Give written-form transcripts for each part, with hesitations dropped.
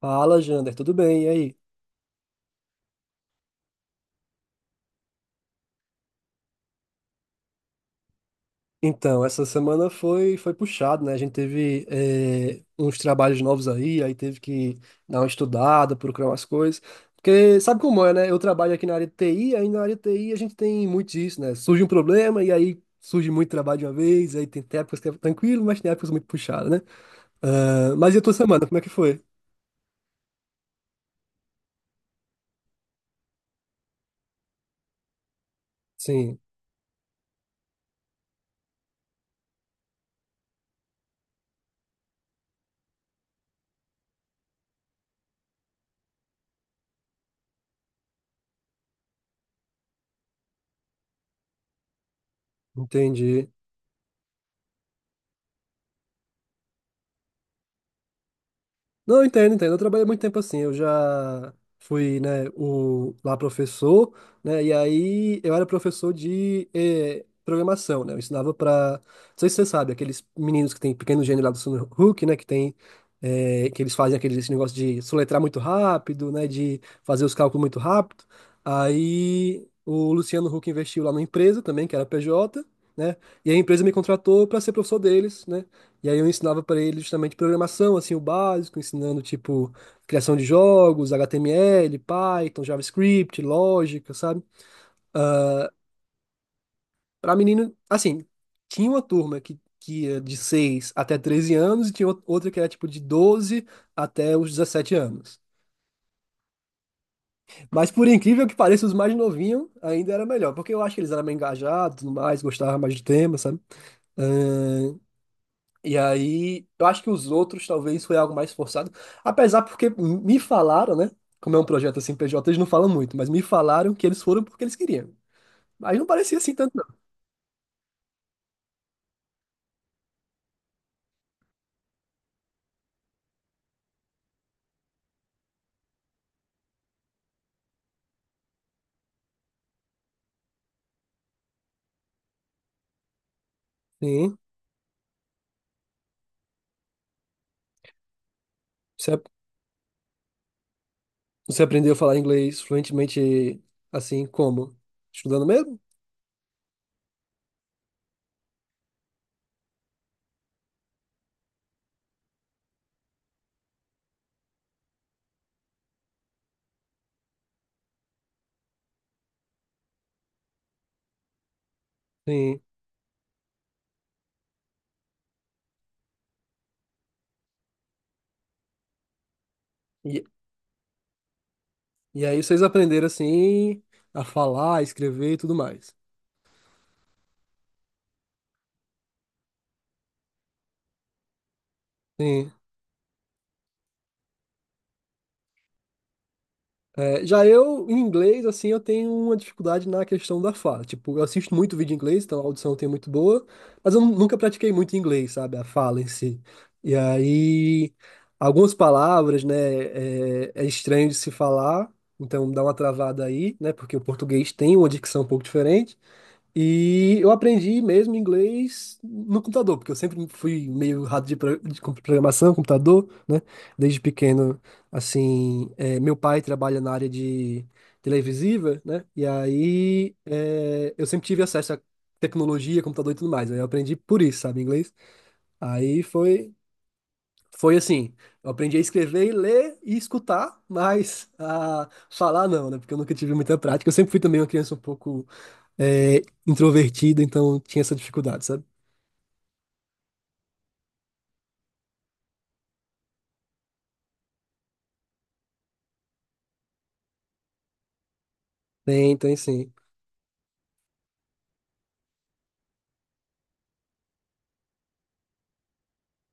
Fala, Jander, tudo bem? E aí? Então, essa semana foi puxado, né? A gente teve uns trabalhos novos aí, aí teve que dar uma estudada, procurar umas coisas. Porque sabe como é, né? Eu trabalho aqui na área de TI, aí na área de TI a gente tem muito disso, né? Surge um problema e aí surge muito trabalho de uma vez, aí tem épocas que é tranquilo, mas tem épocas muito puxadas, né? Ah, mas e a tua semana, como é que foi? Sim, entendi. Não, entendo, entendo. Eu trabalhei muito tempo assim. Eu já fui, né, o, lá professor, né? E aí eu era professor de programação, né? Eu ensinava para, não sei se você sabe, aqueles meninos que tem pequeno gênio lá do Sun Hook, né? Que tem, que eles fazem aquele esse negócio de soletrar muito rápido, né? De fazer os cálculos muito rápido. Aí o Luciano Huck investiu lá na empresa também, que era PJ, né? E a empresa me contratou para ser professor deles, né? E aí eu ensinava para ele justamente programação, assim, o básico, ensinando tipo criação de jogos, HTML, Python, JavaScript, lógica, sabe? Para menino, assim, tinha uma turma que ia de 6 até 13 anos e tinha outra que era tipo de 12 até os 17 anos. Mas por incrível que pareça, os mais novinhos ainda era melhor, porque eu acho que eles eram mais engajados, e tudo mais, gostavam mais do tema, sabe? E aí, eu acho que os outros talvez foi algo mais forçado. Apesar porque me falaram, né? Como é um projeto assim, PJ, eles não falam muito, mas me falaram que eles foram porque eles queriam. Mas não parecia assim tanto, não. Sim. Você, você aprendeu a falar inglês fluentemente assim como? Estudando mesmo? Sim. E, e aí vocês aprenderam assim a falar, a escrever e tudo mais. Sim. É, já eu, em inglês, assim, eu tenho uma dificuldade na questão da fala. Tipo, eu assisto muito vídeo em inglês, então a audição tem muito boa, mas eu nunca pratiquei muito inglês, sabe? A fala em si. E aí, algumas palavras, né, é estranho de se falar, então dá uma travada aí, né? Porque o português tem uma dicção um pouco diferente. E eu aprendi mesmo inglês no computador, porque eu sempre fui meio rato de, programação, computador, né? Desde pequeno, assim, meu pai trabalha na área de televisiva, né? E aí eu sempre tive acesso a tecnologia, computador e tudo mais. Aí eu aprendi por isso, sabe, inglês. Aí foi, foi assim, eu aprendi a escrever, ler e escutar, mas a falar não, né? Porque eu nunca tive muita prática. Eu sempre fui também uma criança um pouco é, introvertido, então tinha essa dificuldade, sabe? Tem, tem sim.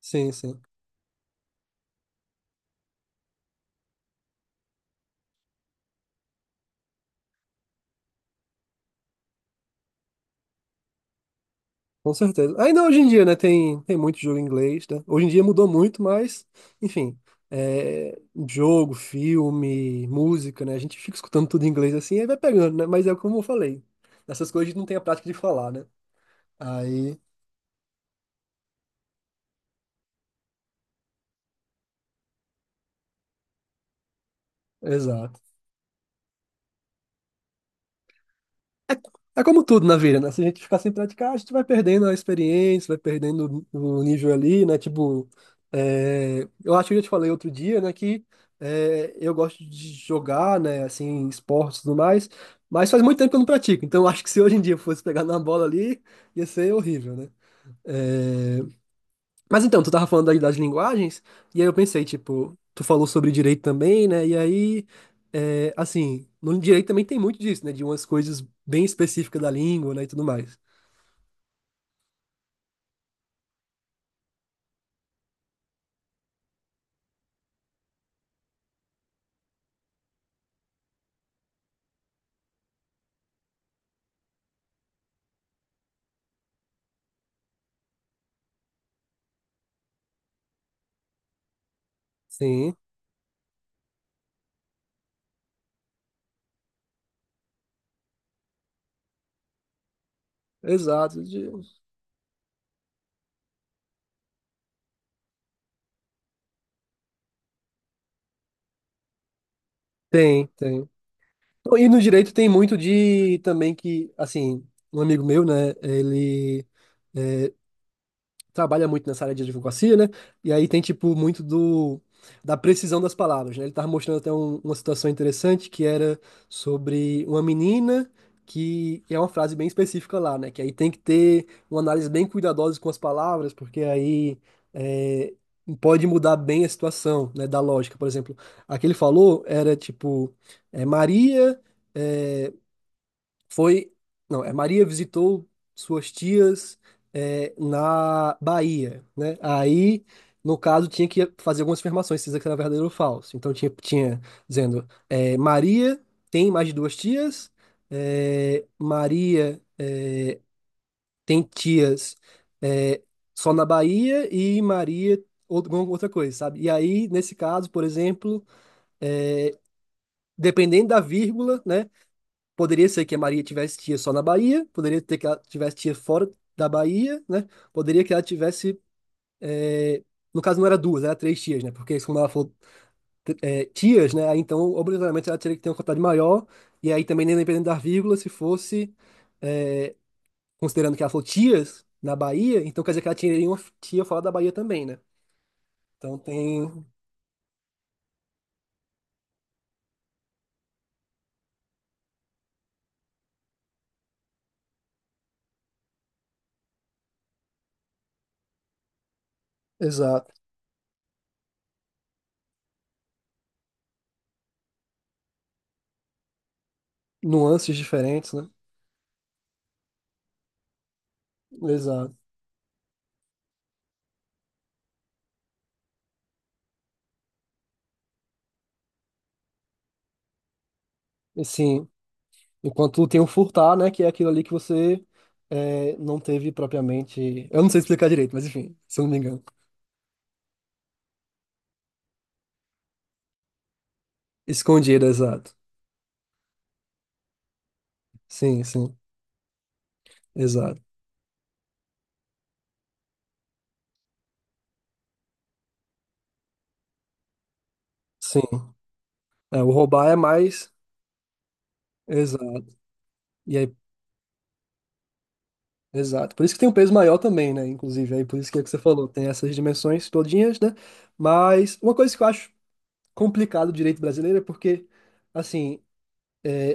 Sim, sim. Com certeza. Ainda hoje em dia, né? Tem, tem muito jogo em inglês, né? Hoje em dia mudou muito, mas, enfim. é, Jogo, filme, música, né? A gente fica escutando tudo em inglês assim e vai pegando, né? Mas é como eu falei. Essas coisas a gente não tem a prática de falar, né? Aí, exato. É, é como tudo na vida, né? Se a gente ficar sem praticar, a gente vai perdendo a experiência, vai perdendo o nível ali, né? Tipo, eu acho que eu te falei outro dia, né? Que eu gosto de jogar, né? Assim, esportes e tudo mais, mas faz muito tempo que eu não pratico. Então, eu acho que se hoje em dia eu fosse pegar na bola ali, ia ser horrível, né? É, mas então, tu tava falando aí das linguagens, e aí eu pensei, tipo, tu falou sobre direito também, né? E aí, é, assim, no direito também tem muito disso, né? De umas coisas bem específicas da língua, né? E tudo mais. Sim, exato. Tem, tem. E no direito tem muito de também que, assim, um amigo meu, né? Ele trabalha muito nessa área de advocacia, né? E aí tem, tipo, muito do da precisão das palavras, né? Ele tava mostrando até uma situação interessante que era sobre uma menina que é uma frase bem específica lá, né? Que aí tem que ter uma análise bem cuidadosa com as palavras, porque aí é, pode mudar bem a situação, né? Da lógica, por exemplo. A que ele falou era, tipo, é, Maria... é, foi, não, é Maria visitou suas tias na Bahia, né? Aí, no caso, tinha que fazer algumas afirmações, se isso aqui era verdadeiro ou falso. Então tinha dizendo, é, Maria tem mais de duas tias, Maria tem tias é, só na Bahia e Maria outra, alguma outra coisa, sabe? E aí, nesse caso, por exemplo, é, dependendo da vírgula, né? Poderia ser que a Maria tivesse tia só na Bahia, poderia ter que ela tivesse tia fora da Bahia, né? Poderia que ela tivesse. eh, No caso, não era duas, era três tias, né? Porque como ela falou tias, né? Aí então, obrigatoriamente, ela teria que ter uma quantidade maior. E aí também, nem dependendo da vírgula, se fosse. eh, Considerando que ela falou tias na Bahia, então quer dizer que ela tinha uma tia fora da Bahia também, né? Então tem. Exato. Nuances diferentes, né? Exato. Assim. Enquanto tem o furtar, né? Que é aquilo ali que você não teve propriamente. Eu não sei explicar direito, mas enfim, se eu não me engano. Escondido, exato. Sim, sim, exato. Sim. É, o roubar é mais. Exato. E aí, exato. Por isso que tem um peso maior também, né? Inclusive, aí por isso que é que você falou, tem essas dimensões todinhas, né? Mas uma coisa que eu acho complicado do direito brasileiro é porque, assim,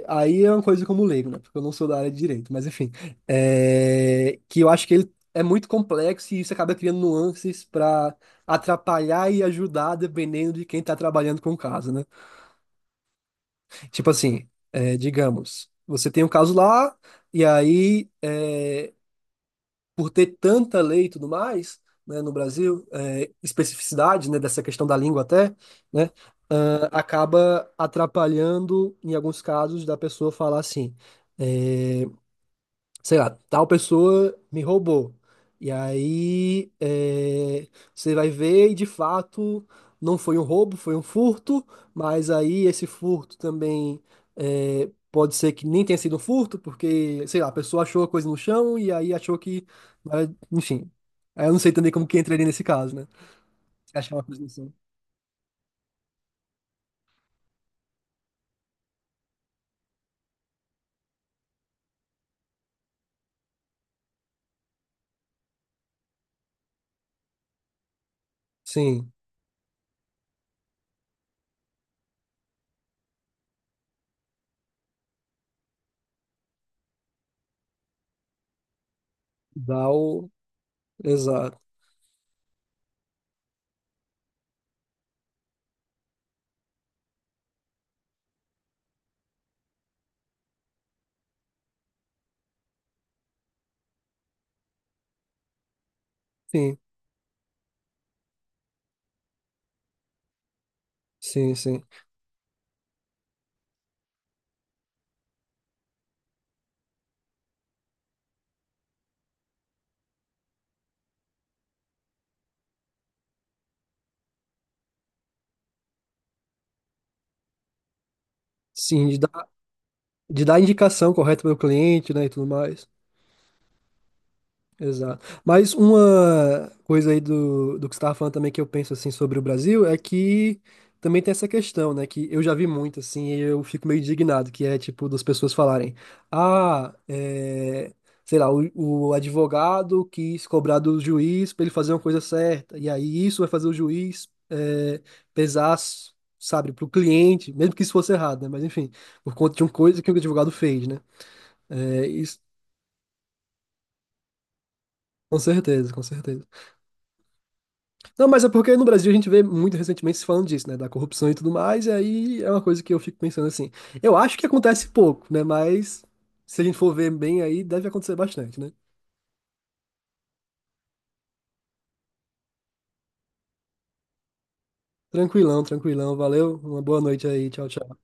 aí é uma coisa como leigo, né? Porque eu não sou da área de direito, mas enfim. É, que eu acho que ele é muito complexo e isso acaba criando nuances para atrapalhar e ajudar, dependendo de quem tá trabalhando com o caso, né? Tipo assim, é, digamos, você tem um caso lá, e aí, é, por ter tanta lei e tudo mais, né, no Brasil, é, especificidade, né, dessa questão da língua até, né? Ah, acaba atrapalhando, em alguns casos, da pessoa falar assim. é, Sei lá, tal pessoa me roubou. E aí é, você vai ver e de fato não foi um roubo, foi um furto, mas aí esse furto também pode ser que nem tenha sido um furto, porque, sei lá, a pessoa achou a coisa no chão e aí achou que. Enfim. Aí eu não sei também como que entraria nesse caso, né? Achar uma coisa no chão. Sim, dá o. Exato. Sim, sim, sim. Sim, de dar indicação correta para o cliente, né, e tudo mais. Exato. Mas uma coisa aí do, do que você estava falando também que eu penso assim sobre o Brasil é que também tem essa questão, né? Que eu já vi muito assim e eu fico meio indignado, que é tipo das pessoas falarem, ah, é, sei lá, o advogado quis cobrar do juiz para ele fazer uma coisa certa, e aí isso vai fazer o juiz pesar, sabe, para o cliente, mesmo que isso fosse errado, né? Mas enfim, por conta de uma coisa que o advogado fez, né? É, isso, com certeza, com certeza. Não, mas é porque no Brasil a gente vê muito recentemente se falando disso, né? Da corrupção e tudo mais, e aí é uma coisa que eu fico pensando assim. Eu acho que acontece pouco, né? Mas se a gente for ver bem aí, deve acontecer bastante, né? Tranquilão, tranquilão. Valeu, uma boa noite aí. Tchau, tchau.